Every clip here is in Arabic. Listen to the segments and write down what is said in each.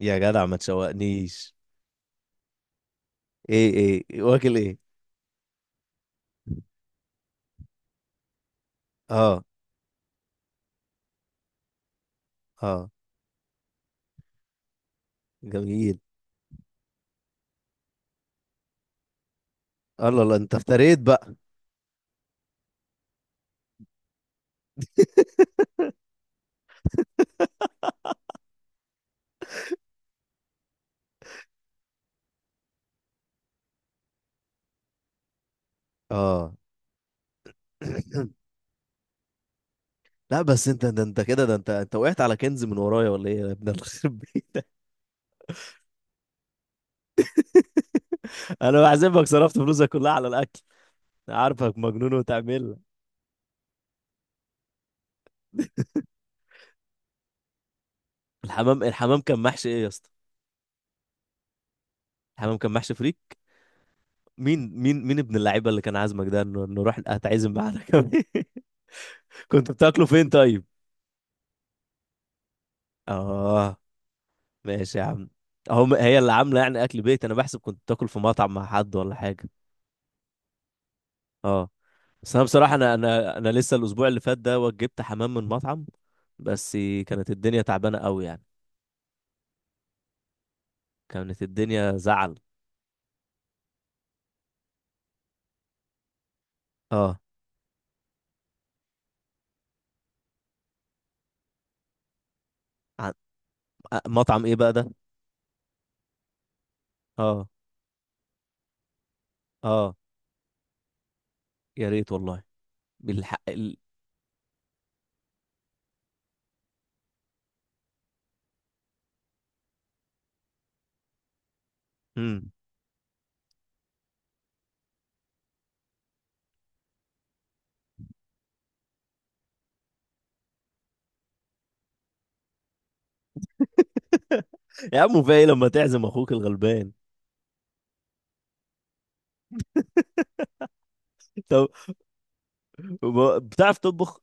يا جدع، ما تشوقنيش. ايه ايه واكل ايه؟ اه. اه. جميل. الله الله، انت افتريت بقى. اه. لا، بس انت ده انت كده ده انت انت وقعت على كنز من ورايا ولا ايه يا ابن الخرب بيتك؟ انا بحسبك صرفت فلوسك كلها على الاكل. أنا عارفك مجنون وتعمل. الحمام كان محشي ايه يا اسطى؟ الحمام كان محشي فريك؟ مين ابن اللعيبه اللي كان عازمك ده، إنه نروح هتعزم معانا كمان؟ كنت بتاكله فين طيب؟ اه. ماشي يا عم. هم، هي اللي عامله يعني اكل بيت؟ انا بحسب كنت تاكل في مطعم مع حد ولا حاجه. اه. بس انا بصراحه انا لسه الاسبوع اللي فات ده وجبت حمام من مطعم. بس. كانت الدنيا تعبانه قوي يعني. كانت الدنيا زعل. اه. ع- مطعم ايه بقى ده؟ اه. اه. يا ريت والله. بالحق مم. يا عم، في ايه لما تعزم اخوك الغلبان؟ طب، بتعرف تطبخ؟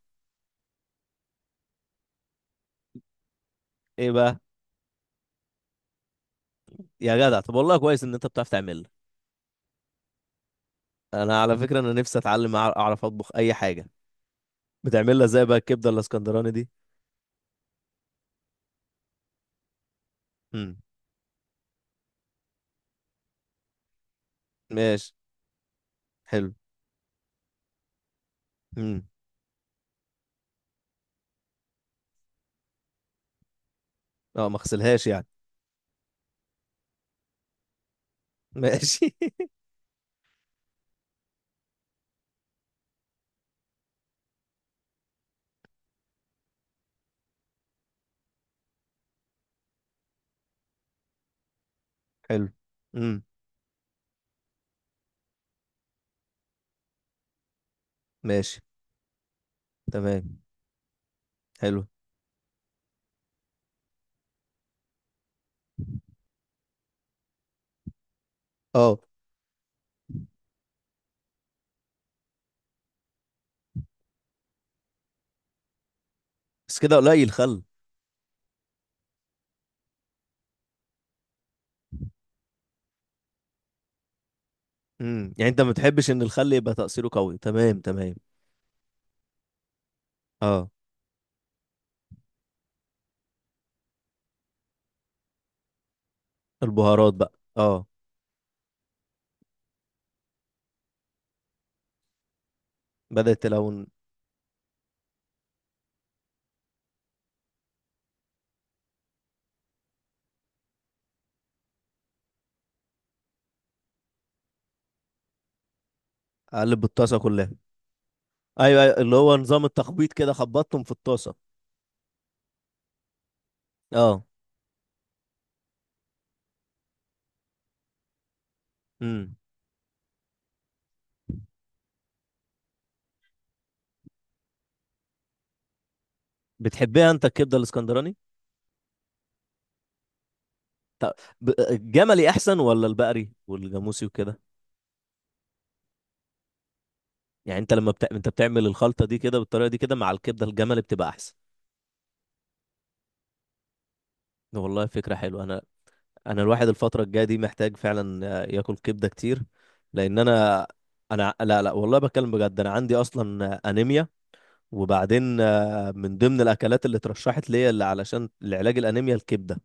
ايه بقى؟ يا جدع، طب والله كويس ان انت بتعرف تعمل. انا على فكره، انا نفسي اتعلم، اعرف اطبخ اي حاجه. بتعمل لها ازاي بقى الكبده الاسكندراني دي؟ امم ماشي. حلو. امم. اه، ما اغسلهاش يعني. ماشي. حلو. امم. ماشي. تمام. حلو. اه. بس كده قليل الخل. يعني انت ما بتحبش ان الخل يبقى تأثيره قوي، تمام تمام. اه. البهارات بقى. اه. بدأت تلون. اقلب الطاسه كلها. ايوه ايوه، اللي هو نظام التخبيط كده، خبطتهم في الطاسه. اه. امم. بتحبها انت الكبده الاسكندراني؟ طب، الجملي احسن ولا البقري والجاموسي وكده؟ يعني انت لما انت بتعمل الخلطه دي كده بالطريقه دي كده مع الكبده الجملي بتبقى احسن؟ والله فكره حلوه. انا الواحد الفتره الجايه دي محتاج فعلا ياكل كبده كتير، لان انا لا لا، والله بتكلم بجد، انا عندي اصلا انيميا. وبعدين من ضمن الاكلات اللي اترشحت ليا اللي علشان لعلاج الانيميا الكبده.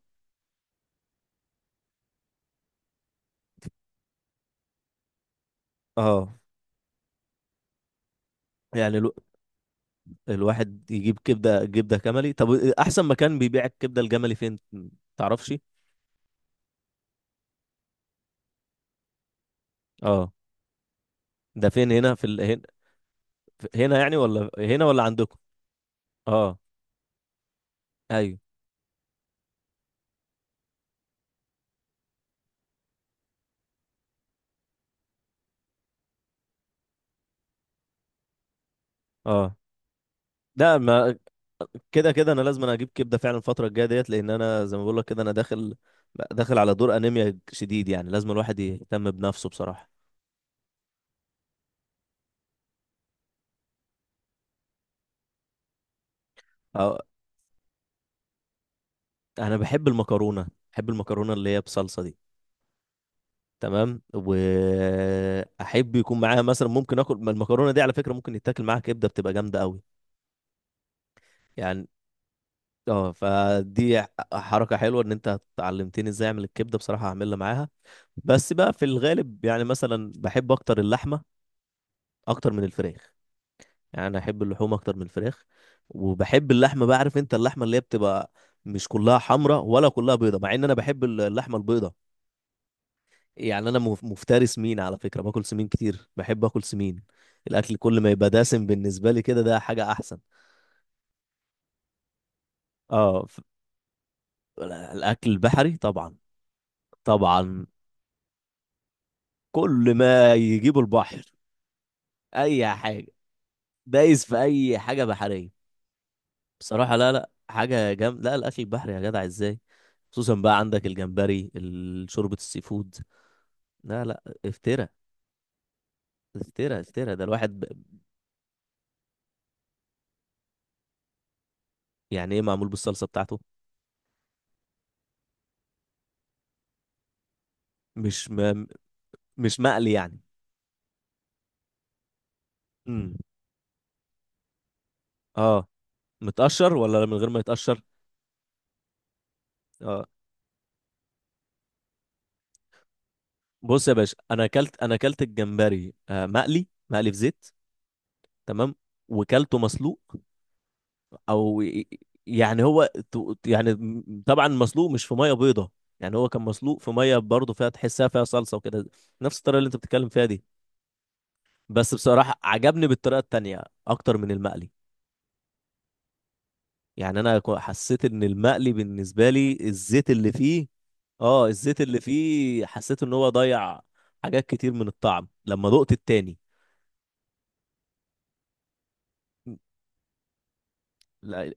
اه. يعني الواحد يجيب كبده جملي. طب، احسن مكان بيبيع الكبده الجملي فين؟ تعرفش؟ اه. ده فين، هنا هنا؟ هنا يعني، ولا هنا، ولا عندكم؟ اه. ايوه. اه. ده، ما كده كده انا لازم اجيب كبده فعلا الفتره الجايه ديت، لان انا زي ما بقول لك كده انا داخل على دور انيميا شديد، يعني لازم الواحد يهتم بنفسه بصراحه. أه، انا بحب المكرونه. بحب المكرونه اللي هي بصلصه دي. تمام، واحب يكون معاها مثلا ممكن اكل. ما المكرونه دي على فكره ممكن يتاكل معاها كبده بتبقى جامده قوي يعني. اه، فدي حركه حلوه ان انت علمتني ازاي اعمل الكبده بصراحه، هعملها معاها. بس بقى في الغالب، يعني مثلا بحب اكتر اللحمه، اكتر من الفراخ. يعني انا احب اللحوم اكتر من الفراخ. وبحب اللحمه بقى، عارف انت اللحمه اللي هي بتبقى مش كلها حمراء ولا كلها بيضه، مع ان انا بحب اللحمه البيضه. يعني انا مفتري سمين على فكره، باكل سمين كتير، بحب اكل سمين. الاكل كل ما يبقى دسم بالنسبه لي كده ده حاجه احسن. اه الاكل البحري طبعا. طبعا. كل ما يجيبه البحر، اي حاجه. دايس في اي حاجه بحريه. بصراحة لا لا، حاجة جامدة، لا الأكل البحري يا جدع ازاي! خصوصا بقى عندك الجمبري، شوربة السي فود. لا لا، افترا، افترا افترا، ده الواحد يعني ايه معمول بالصلصة بتاعته؟ مش مش مقلي يعني؟ امم. اه. متقشر ولا من غير ما يتقشر؟ اه. بص يا باشا، انا اكلت الجمبري، مقلي، مقلي في زيت. تمام. وكلته مسلوق. او يعني هو طبعا مسلوق مش في ميه بيضه، يعني هو كان مسلوق في ميه برضه فيها، تحسها فيها صلصه وكده. نفس الطريقه اللي انت بتتكلم فيها دي. بس بصراحه عجبني بالطريقه التانية اكتر من المقلي. يعني انا حسيت ان المقلي بالنسبه لي الزيت اللي فيه... اه، الزيت اللي فيه حسيت ان هو ضيع حاجات كتير من الطعم لما دقت التاني. لا.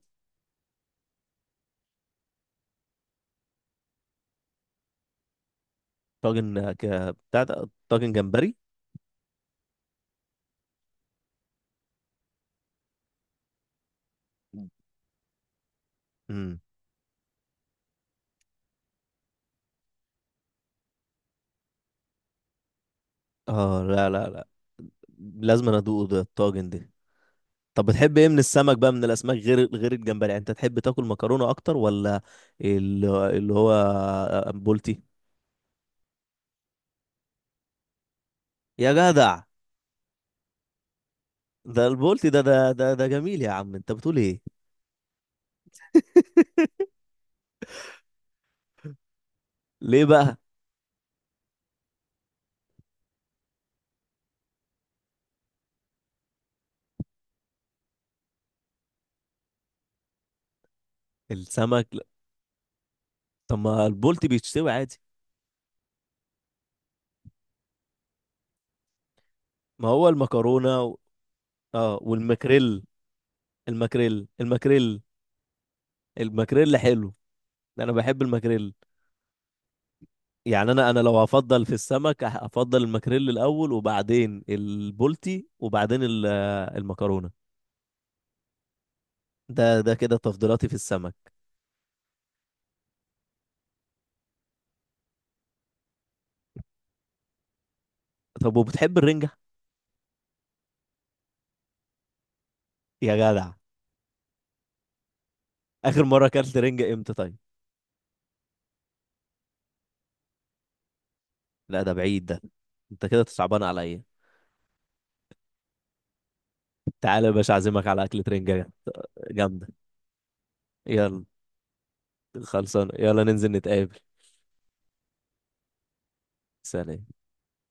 طاجن ك بتاع ده، طاجن جمبري. امم. اه. لا لا لا، لازم أنا ادوق ده الطاجن ده. طب، بتحب ايه من السمك بقى، من الاسماك، غير الجمبري؟ يعني انت تحب تاكل مكرونه اكتر، ولا اللي هو بولتي؟ يا جدع، ده البولتي ده جميل يا عم، انت بتقول ايه؟ ليه بقى؟ السمك، لا. طب ما البولتي بيتشوي عادي. ما هو المكرونه اه، والمكريل. المكريل المكريل المكريل حلو. انا بحب المكريل. يعني انا لو هفضل في السمك هفضل المكريل الاول، وبعدين البولتي، وبعدين المكرونه. ده كده تفضيلاتي في السمك. طب وبتحب الرنجة؟ يا جدع، آخر مرة أكلت رنجة إمتى طيب؟ لا ده بعيد ده. أنت كده تصعبان عليا. تعالى يا باشا، أعزمك على أكلة رنجة. جامدة. يلا، خلصان، يلا ننزل نتقابل. سلام.